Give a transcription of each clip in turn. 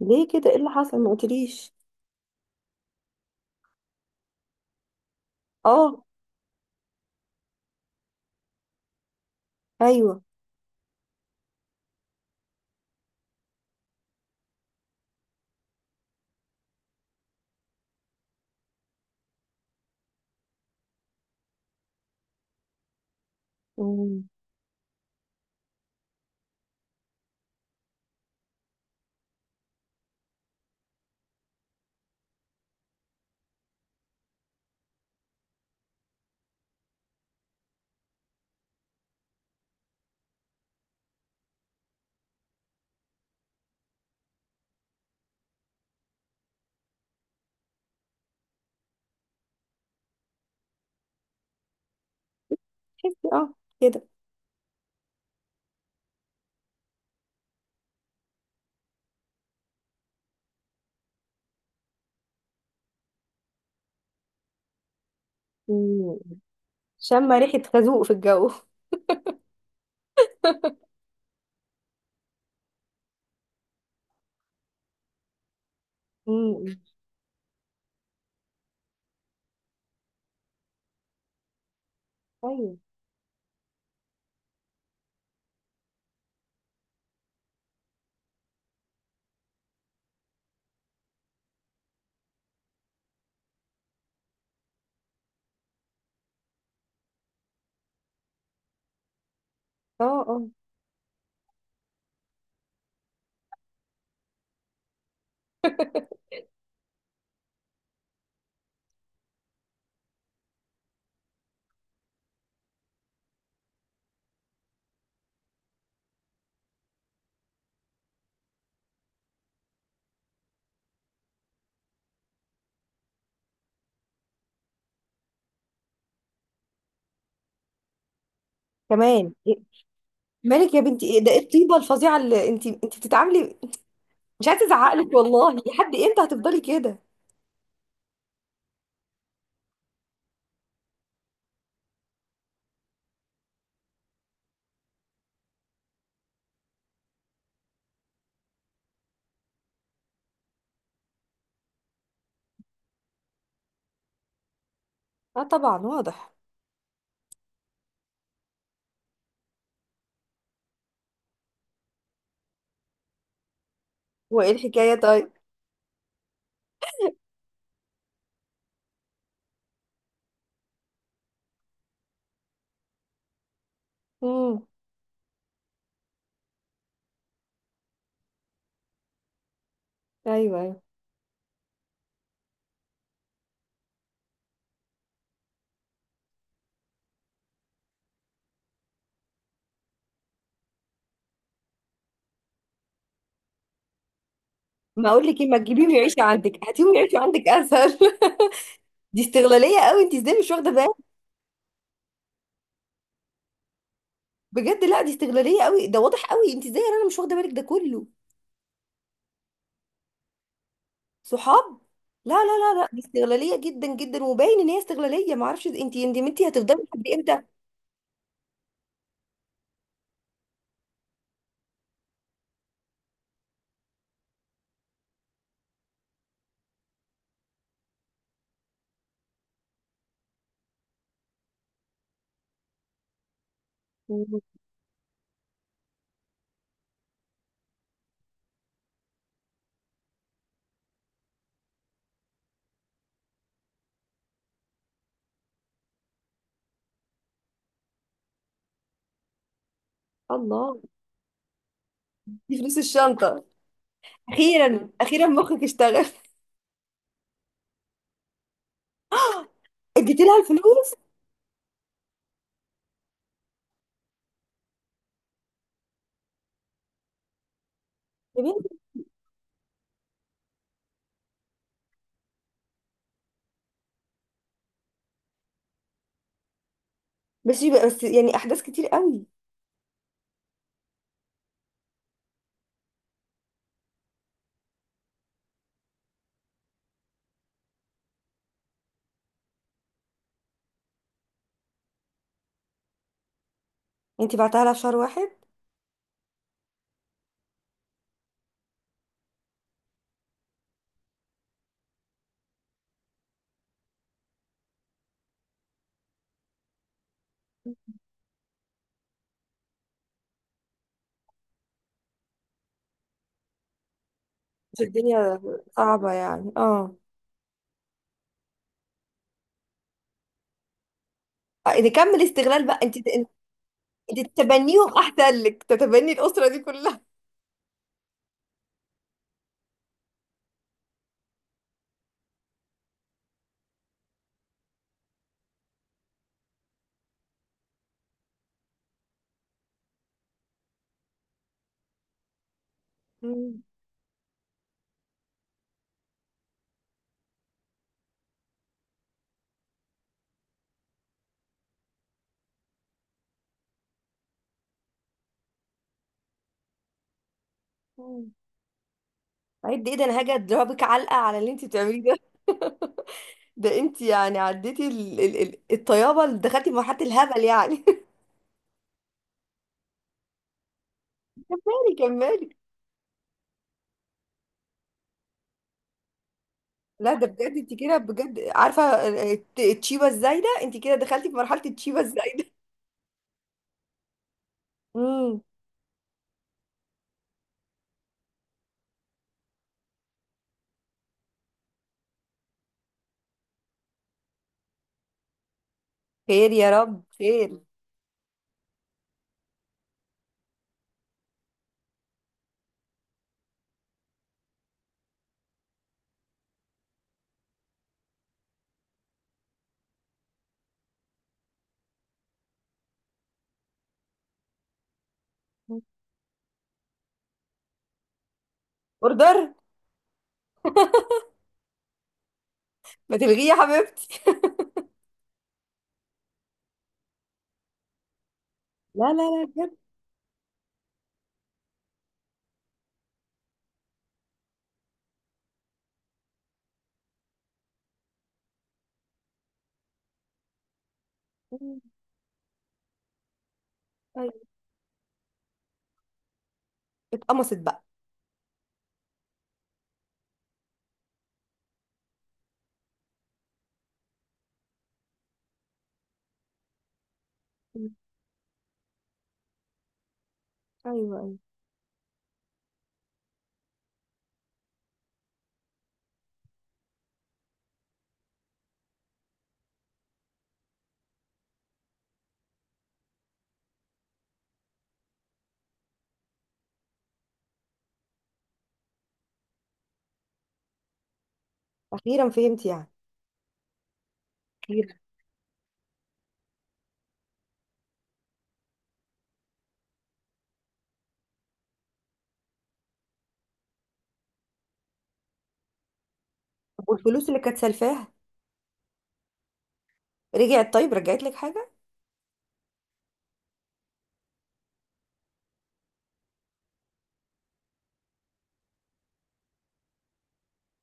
ليه كده؟ ايه اللي حصل؟ ما قلتليش. اه. ايوه. مم. تحسي، اه، كده. مم. شم ريحة خازوق في الجو. مم. ايوه. اه. اه، كمان إيه- مالك يا بنتي؟ ايه ده؟ ايه الطيبة الفظيعة اللي انت بتتعاملي؟ مش عايزة ازعقلك والله، لحد امتى هتفضلي كده؟ اه، طبعا واضح. وايه الحكاية طيب؟ امم. ايوه، ايوه. ما اقول لك ايه، ما تجيبيهم يعيشوا عندك، هاتيهم يعيشوا عندك اسهل. دي استغلالية قوي، انت ازاي مش واخدة بالك؟ بجد لا، دي استغلاليه قوي، ده واضح قوي، انت ازاي يا رنا مش واخده بالك ده كله؟ صحاب؟ لا، لا، لا، لا. دي استغلاليه جدا جدا، وباين ان هي استغلاليه، ما اعرفش انت ندمتي، هتفضلي لحد امتى؟ الله، دي فلوس الشنطه. اخيرا اخيرا مخك اشتغل. اديتي لها الفلوس؟ يا بنتي، بس يبقى بس يعني احداث كتير قوي. انت بعتها لها في شهر واحد؟ بس الدنيا صعبه يعني، اه. نكمل استغلال بقى انت تتبنيهم احسن لك، تتبني الاسره دي كلها. مم. عد؟ ايه ده، انا هاجي اضربك علقه على اللي انت بتعمليه ده. ده انت يعني عديتي الطيابه، اللي دخلتي في مرحله الهبل يعني. كملي كملي. لا، ده بجد، انت كده بجد عارفه التشيبه الزايده، انت كده دخلتي في مرحله التشيبه الزايده. امم. خير يا رب، خير. اوردر؟ ما تلغيه يا حبيبتي. لا، لا، لا، بجد. مم. ايوه. اتقمصت بقى. مم. ايوه، ايوه. اخيرا فهمت يعني. اخيرا. طب والفلوس اللي كانت سلفاها؟ رجعت؟ طيب رجعت لك حاجه؟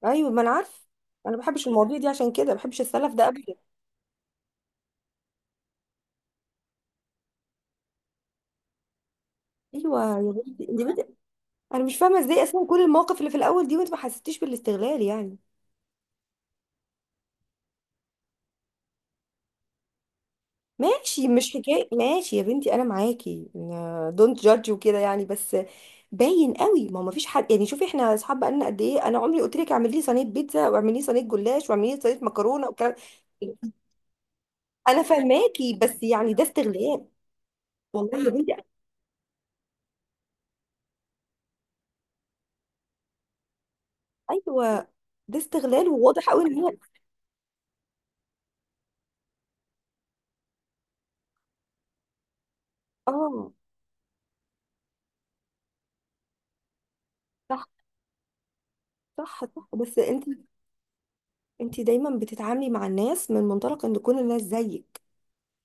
ايوه، ما انا عارف. انا ما بحبش المواضيع دي، عشان كده ما بحبش السلف ده ابدا. ايوه يا بنتي، انت بنتي. انا مش فاهمه ازاي اصلا كل المواقف اللي في الاول دي وانت ما حسيتيش بالاستغلال يعني؟ ماشي، مش حكايه ماشي يا بنتي، انا معاكي. دونت جادج وكده يعني، بس باين قوي. ما هو ما فيش حد يعني. شوفي، احنا اصحاب بقالنا قد ايه، انا عمري قلت لك اعملي لي صينيه بيتزا، واعملي لي صينيه جلاش، واعملي لي صينيه مكرونه والكلام. انا فاهماكي، بس يعني ده استغلال والله يا بنتي. ايوه، ده استغلال، وواضح قوي ان هي. اه. صح، صح، صح، بس انت دايما بتتعاملي مع الناس من منطلق ان كل الناس زيك،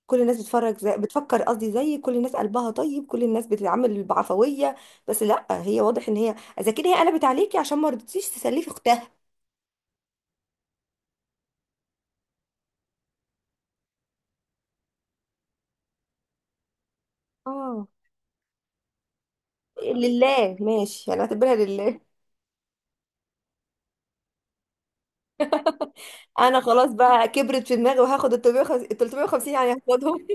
كل الناس بتفرج زي، بتفكر قصدي زيك، كل الناس قلبها طيب، كل الناس بتتعامل بعفوية. بس لا، هي واضح ان هي اذا كده، هي قلبت عليكي عشان ما رضيتيش تسلفي اختها. اه، لله، ماشي انا هعتبرها لله. انا خلاص بقى كبرت في دماغي، وهاخد ال 350 يعني هاخدهم.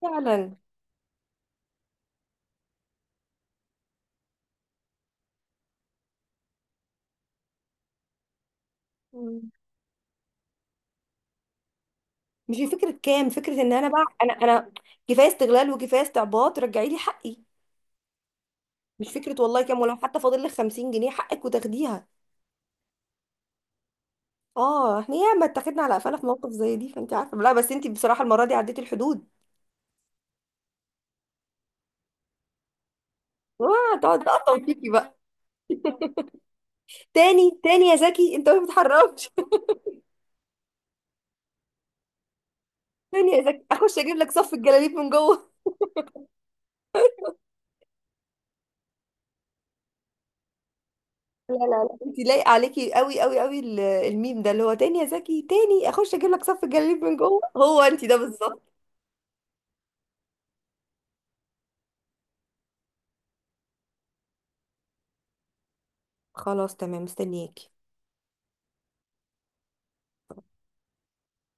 فعلا. مم. مش هي فكرة كام، فكرة ان انا بقى انا كفاية استغلال وكفاية استعباط، رجعي لي حقي. مش فكرة والله كام، ولو حتى فاضل لك 50 جنيه حقك وتاخديها. اه، احنا ياما اتاخدنا على قفانا في موقف زي دي، فانت عارفة؟ لا بس انت بصراحة المرة دي عديتي الحدود. اه، تقعد تقطم فيكي بقى. تاني تاني يا زكي، انت ما بتتحركش. تاني يا زكي، اخش اجيب لك صف الجلاليب من جوه. لا، لا، لا، انت لايقة عليكي قوي قوي قوي الميم ده اللي هو تاني يا زكي، تاني اخش اجيب لك صف الجلاليب من جوه، هو انت ده بالظبط. خلاص تمام، مستنياكي.